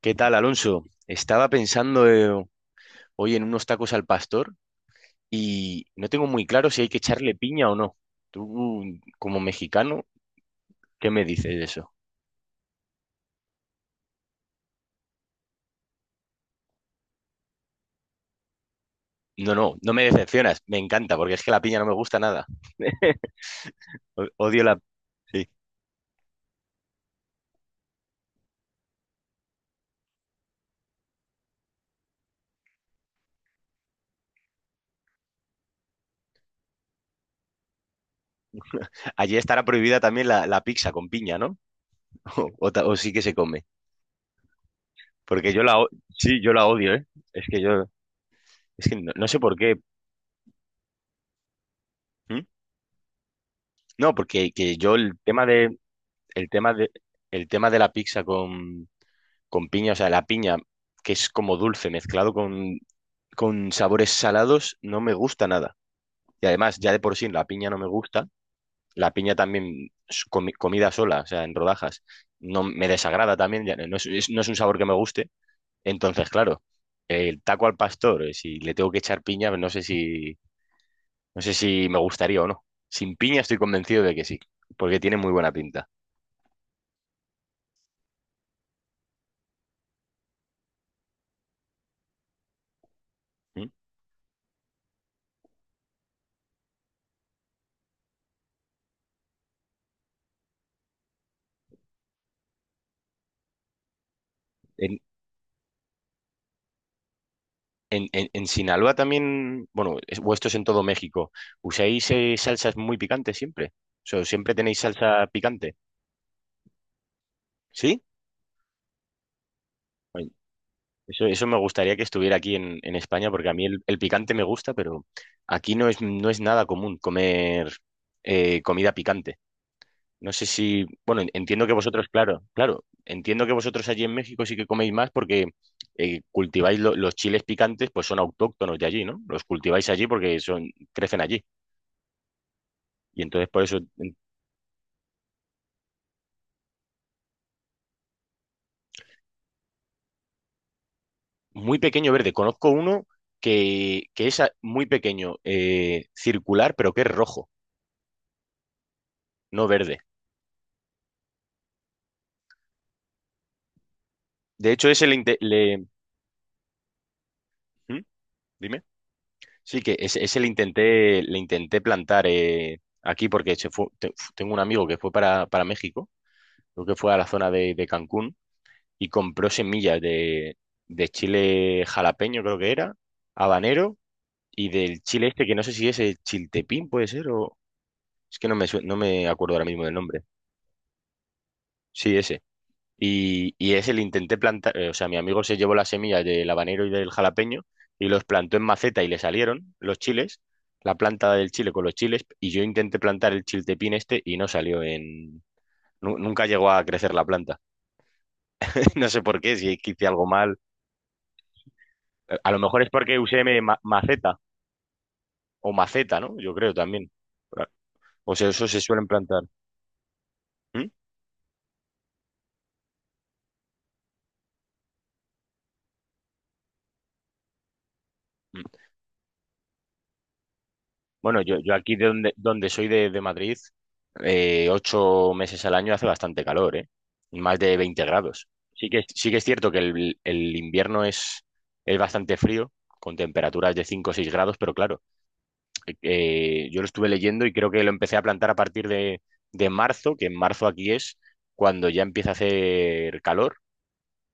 ¿Qué tal, Alonso? Estaba pensando hoy en unos tacos al pastor y no tengo muy claro si hay que echarle piña o no. Tú, como mexicano, ¿qué me dices de eso? No, no, no me decepcionas. Me encanta, porque es que la piña no me gusta nada. Odio la... Sí. Allí estará prohibida también la pizza con piña, ¿no? O sí que se come. Porque yo la... Sí, yo la odio, ¿eh? Es que yo... Es que no sé por qué. ¿Mm? No, porque que yo el tema de... El tema de... El tema de la pizza con piña, o sea, la piña, que es como dulce mezclado con sabores salados, no me gusta nada. Y además, ya de por sí, la piña no me gusta. La piña también, comida sola, o sea, en rodajas, no me desagrada también, ya no es, no es un sabor que me guste. Entonces, claro, el taco al pastor, si le tengo que echar piña, no sé si me gustaría o no. Sin piña estoy convencido de que sí, porque tiene muy buena pinta. ¿Mm? En- en Sinaloa también, bueno, o esto es en todo México, ¿usáis salsas muy picantes siempre? O sea, ¿siempre tenéis salsa picante? ¿Sí? Ay, Eso me gustaría que estuviera aquí en España, porque a mí el picante me gusta, pero aquí no es nada común comer comida picante. No sé si, bueno, entiendo que vosotros, claro, claro, entiendo que vosotros allí en México sí que coméis más porque cultiváis los chiles picantes, pues son autóctonos de allí, ¿no? Los cultiváis allí porque crecen allí. Y entonces por eso. Muy pequeño verde. Conozco uno que es muy pequeño, circular, pero que es rojo, no verde. De hecho, ese. ¿Mm? Dime. Sí, que ese le intenté plantar aquí porque se fue, tengo un amigo que fue para México, creo que fue a la zona de Cancún y compró semillas de chile jalapeño, creo que era, habanero, y del chile este, que no sé si es el chiltepín, puede ser, o es que no me acuerdo ahora mismo del nombre. Sí, ese. Y ese le intenté plantar, o sea, mi amigo se llevó las semillas del habanero y del jalapeño y los plantó en maceta y le salieron los chiles, la planta del chile con los chiles, y yo intenté plantar el chiltepín este y no salió en... Nunca llegó a crecer la planta. No sé por qué, si es que hice algo mal. A lo mejor es porque usé maceta o maceta, ¿no? Yo creo también. Claro. O sea, eso se suelen plantar. ¿Mm? Bueno, yo aquí de donde soy de Madrid, 8 meses al año hace bastante calor, ¿eh? Más de 20 grados. Sí que, sí que es cierto que el invierno es bastante frío, con temperaturas de 5 o 6 grados, pero claro, yo lo estuve leyendo y creo que lo empecé a plantar a partir de marzo, que en marzo aquí es cuando ya empieza a hacer calor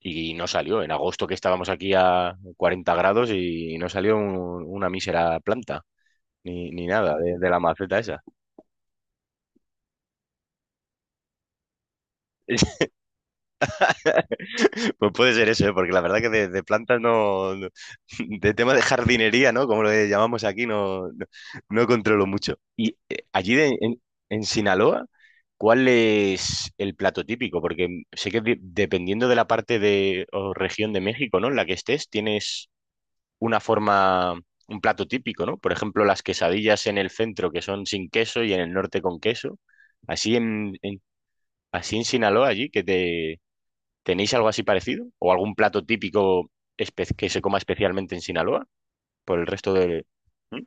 y no salió. En agosto que estábamos aquí a 40 grados y no salió una mísera planta, ni nada de la maceta esa. Pues puede ser eso, ¿eh? Porque la verdad que de plantas no, De tema de jardinería, ¿no? Como lo llamamos aquí, no controlo mucho. Y allí en Sinaloa, ¿cuál es el plato típico? Porque sé que dependiendo de la parte o región de México, ¿no? En la que estés, tienes una forma, un plato típico, ¿no? Por ejemplo, las quesadillas en el centro, que son sin queso, y en el norte con queso. Así en, en- así en Sinaloa, allí, que. ¿Tenéis algo así parecido? ¿O algún plato típico que se coma especialmente en Sinaloa? Por el resto de... ¿Mm?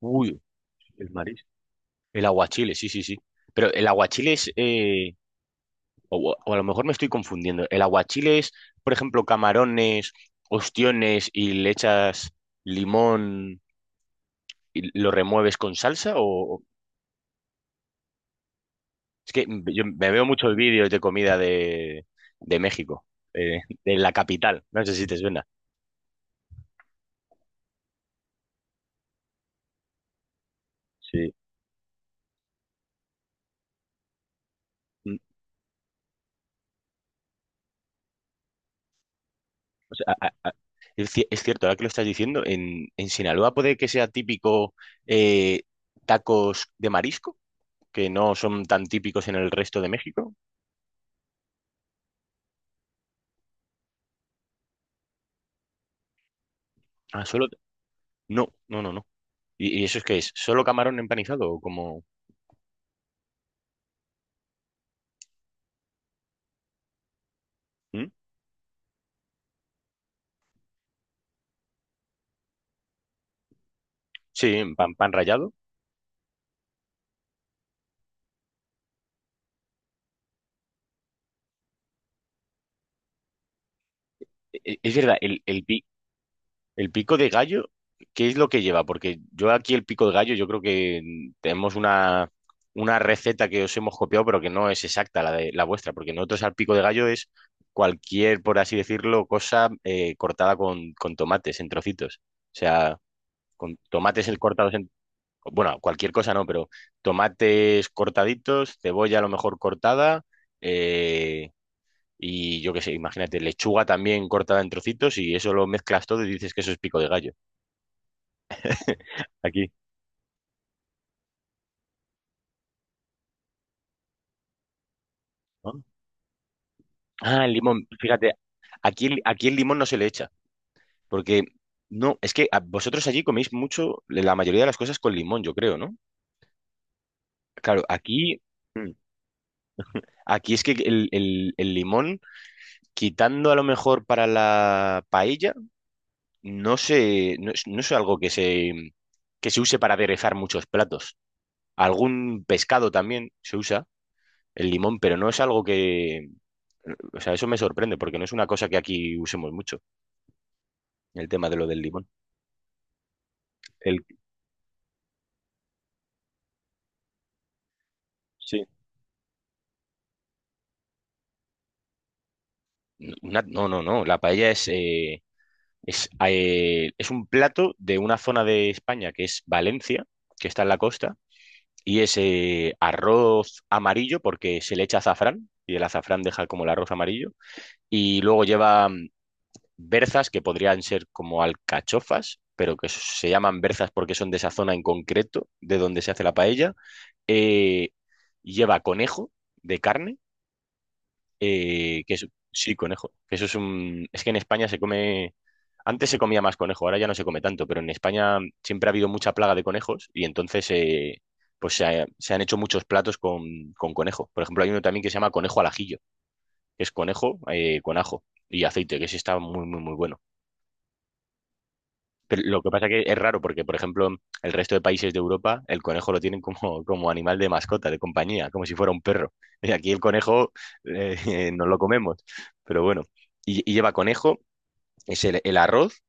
Uy, el marisco. El aguachile, sí, sí, sí. Pero el aguachile es... o a lo mejor me estoy confundiendo. El aguachile es, por ejemplo, camarones, ostiones y le echas limón y lo remueves con salsa. O... Es que yo me veo muchos vídeos de comida de México, de la capital. No sé si te suena. Sí. Mm. O sea, es cierto, ahora que lo estás diciendo, en Sinaloa puede que sea típico eh, tacos de marisco, que no son tan típicos en el resto de México. Ah, solo... No, no, no, no. ¿Y eso es que es? ¿Solo camarón empanizado o como... ¿Mm? Sí, pan rallado. Es verdad. El pico de gallo, ¿qué es lo que lleva? Porque yo aquí el pico de gallo, yo creo que tenemos una receta que os hemos copiado, pero que no es exacta la de la vuestra, porque nosotros al pico de gallo es cualquier, por así decirlo, cosa cortada con tomates en trocitos. O sea, con tomates cortados en... Bueno, cualquier cosa no, pero tomates cortaditos, cebolla a lo mejor cortada, eh, y yo qué sé, imagínate, lechuga también cortada en trocitos, y eso lo mezclas todo y dices que eso es pico de gallo. Aquí, ¿no? Ah, el limón, fíjate, aquí, aquí el limón no se le echa, porque no, es que vosotros allí coméis mucho, la mayoría de las cosas con limón, yo creo, ¿no? Claro, aquí, mm, aquí es que el limón, quitando a lo mejor para la paella, no es algo que se use para aderezar muchos platos. Algún pescado también se usa el limón, pero no es algo que, o sea, eso me sorprende, porque no es una cosa que aquí usemos mucho. El tema de lo del limón. El, sí. No, no, no. La paella es un plato de una zona de España que es Valencia, que está en la costa, y es arroz amarillo porque se le echa azafrán y el azafrán deja como el arroz amarillo. Y luego lleva berzas que podrían ser como alcachofas, pero que se llaman berzas porque son de esa zona en concreto de donde se hace la paella. Eh, lleva conejo de carne. Sí, conejo. Que eso es un. Es que en España se come. Antes se comía más conejo, ahora ya no se come tanto, pero en España siempre ha habido mucha plaga de conejos y entonces pues se han hecho muchos platos con conejo. Por ejemplo, hay uno también que se llama conejo al ajillo, que es conejo con ajo y aceite, que ese está muy, muy, muy bueno. Pero lo que pasa que es raro porque, por ejemplo, el resto de países de Europa, el conejo lo tienen como animal de mascota, de compañía, como si fuera un perro. Y aquí el conejo nos lo comemos, pero bueno. Y lleva conejo, es el arroz,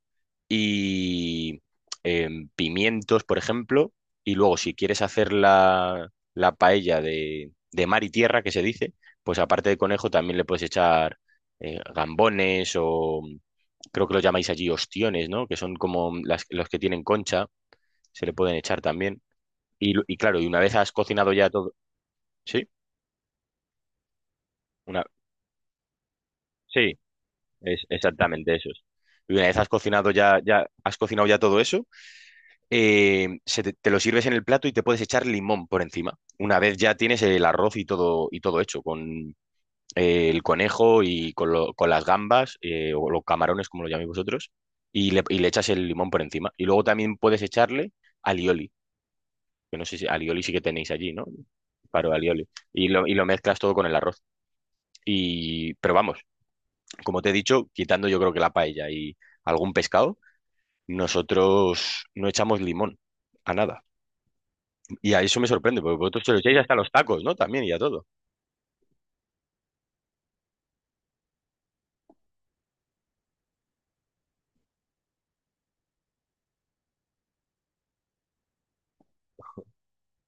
y pimientos, por ejemplo. Y luego, si quieres hacer la paella de mar y tierra, que se dice, pues aparte de conejo también le puedes echar gambones o creo que lo llamáis allí ostiones, ¿no? Que son como los que tienen concha, se le pueden echar también. Y claro, y una vez has cocinado ya todo, ¿sí? Una, sí, es exactamente eso. Y una vez has cocinado ya todo eso, te lo sirves en el plato y te puedes echar limón por encima. Una vez ya tienes el arroz y todo hecho, con el conejo y con las gambas, o los camarones, como lo llaméis vosotros, y le echas el limón por encima. Y luego también puedes echarle alioli, que no sé si alioli sí que tenéis allí, ¿no? Claro, alioli. Y lo mezclas todo con el arroz. Pero vamos, como te he dicho, quitando yo creo que la paella y algún pescado, nosotros no echamos limón a nada. Y a eso me sorprende, porque vosotros se lo echáis hasta a los tacos, ¿no? También y a todo.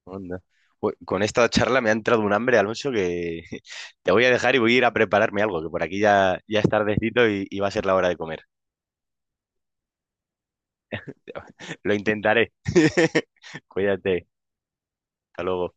Anda. Con esta charla me ha entrado un hambre, Alonso, que te voy a dejar y voy a ir a prepararme algo, que por aquí ya es tardecito y va a ser la hora de comer. Lo intentaré. Cuídate. Hasta luego.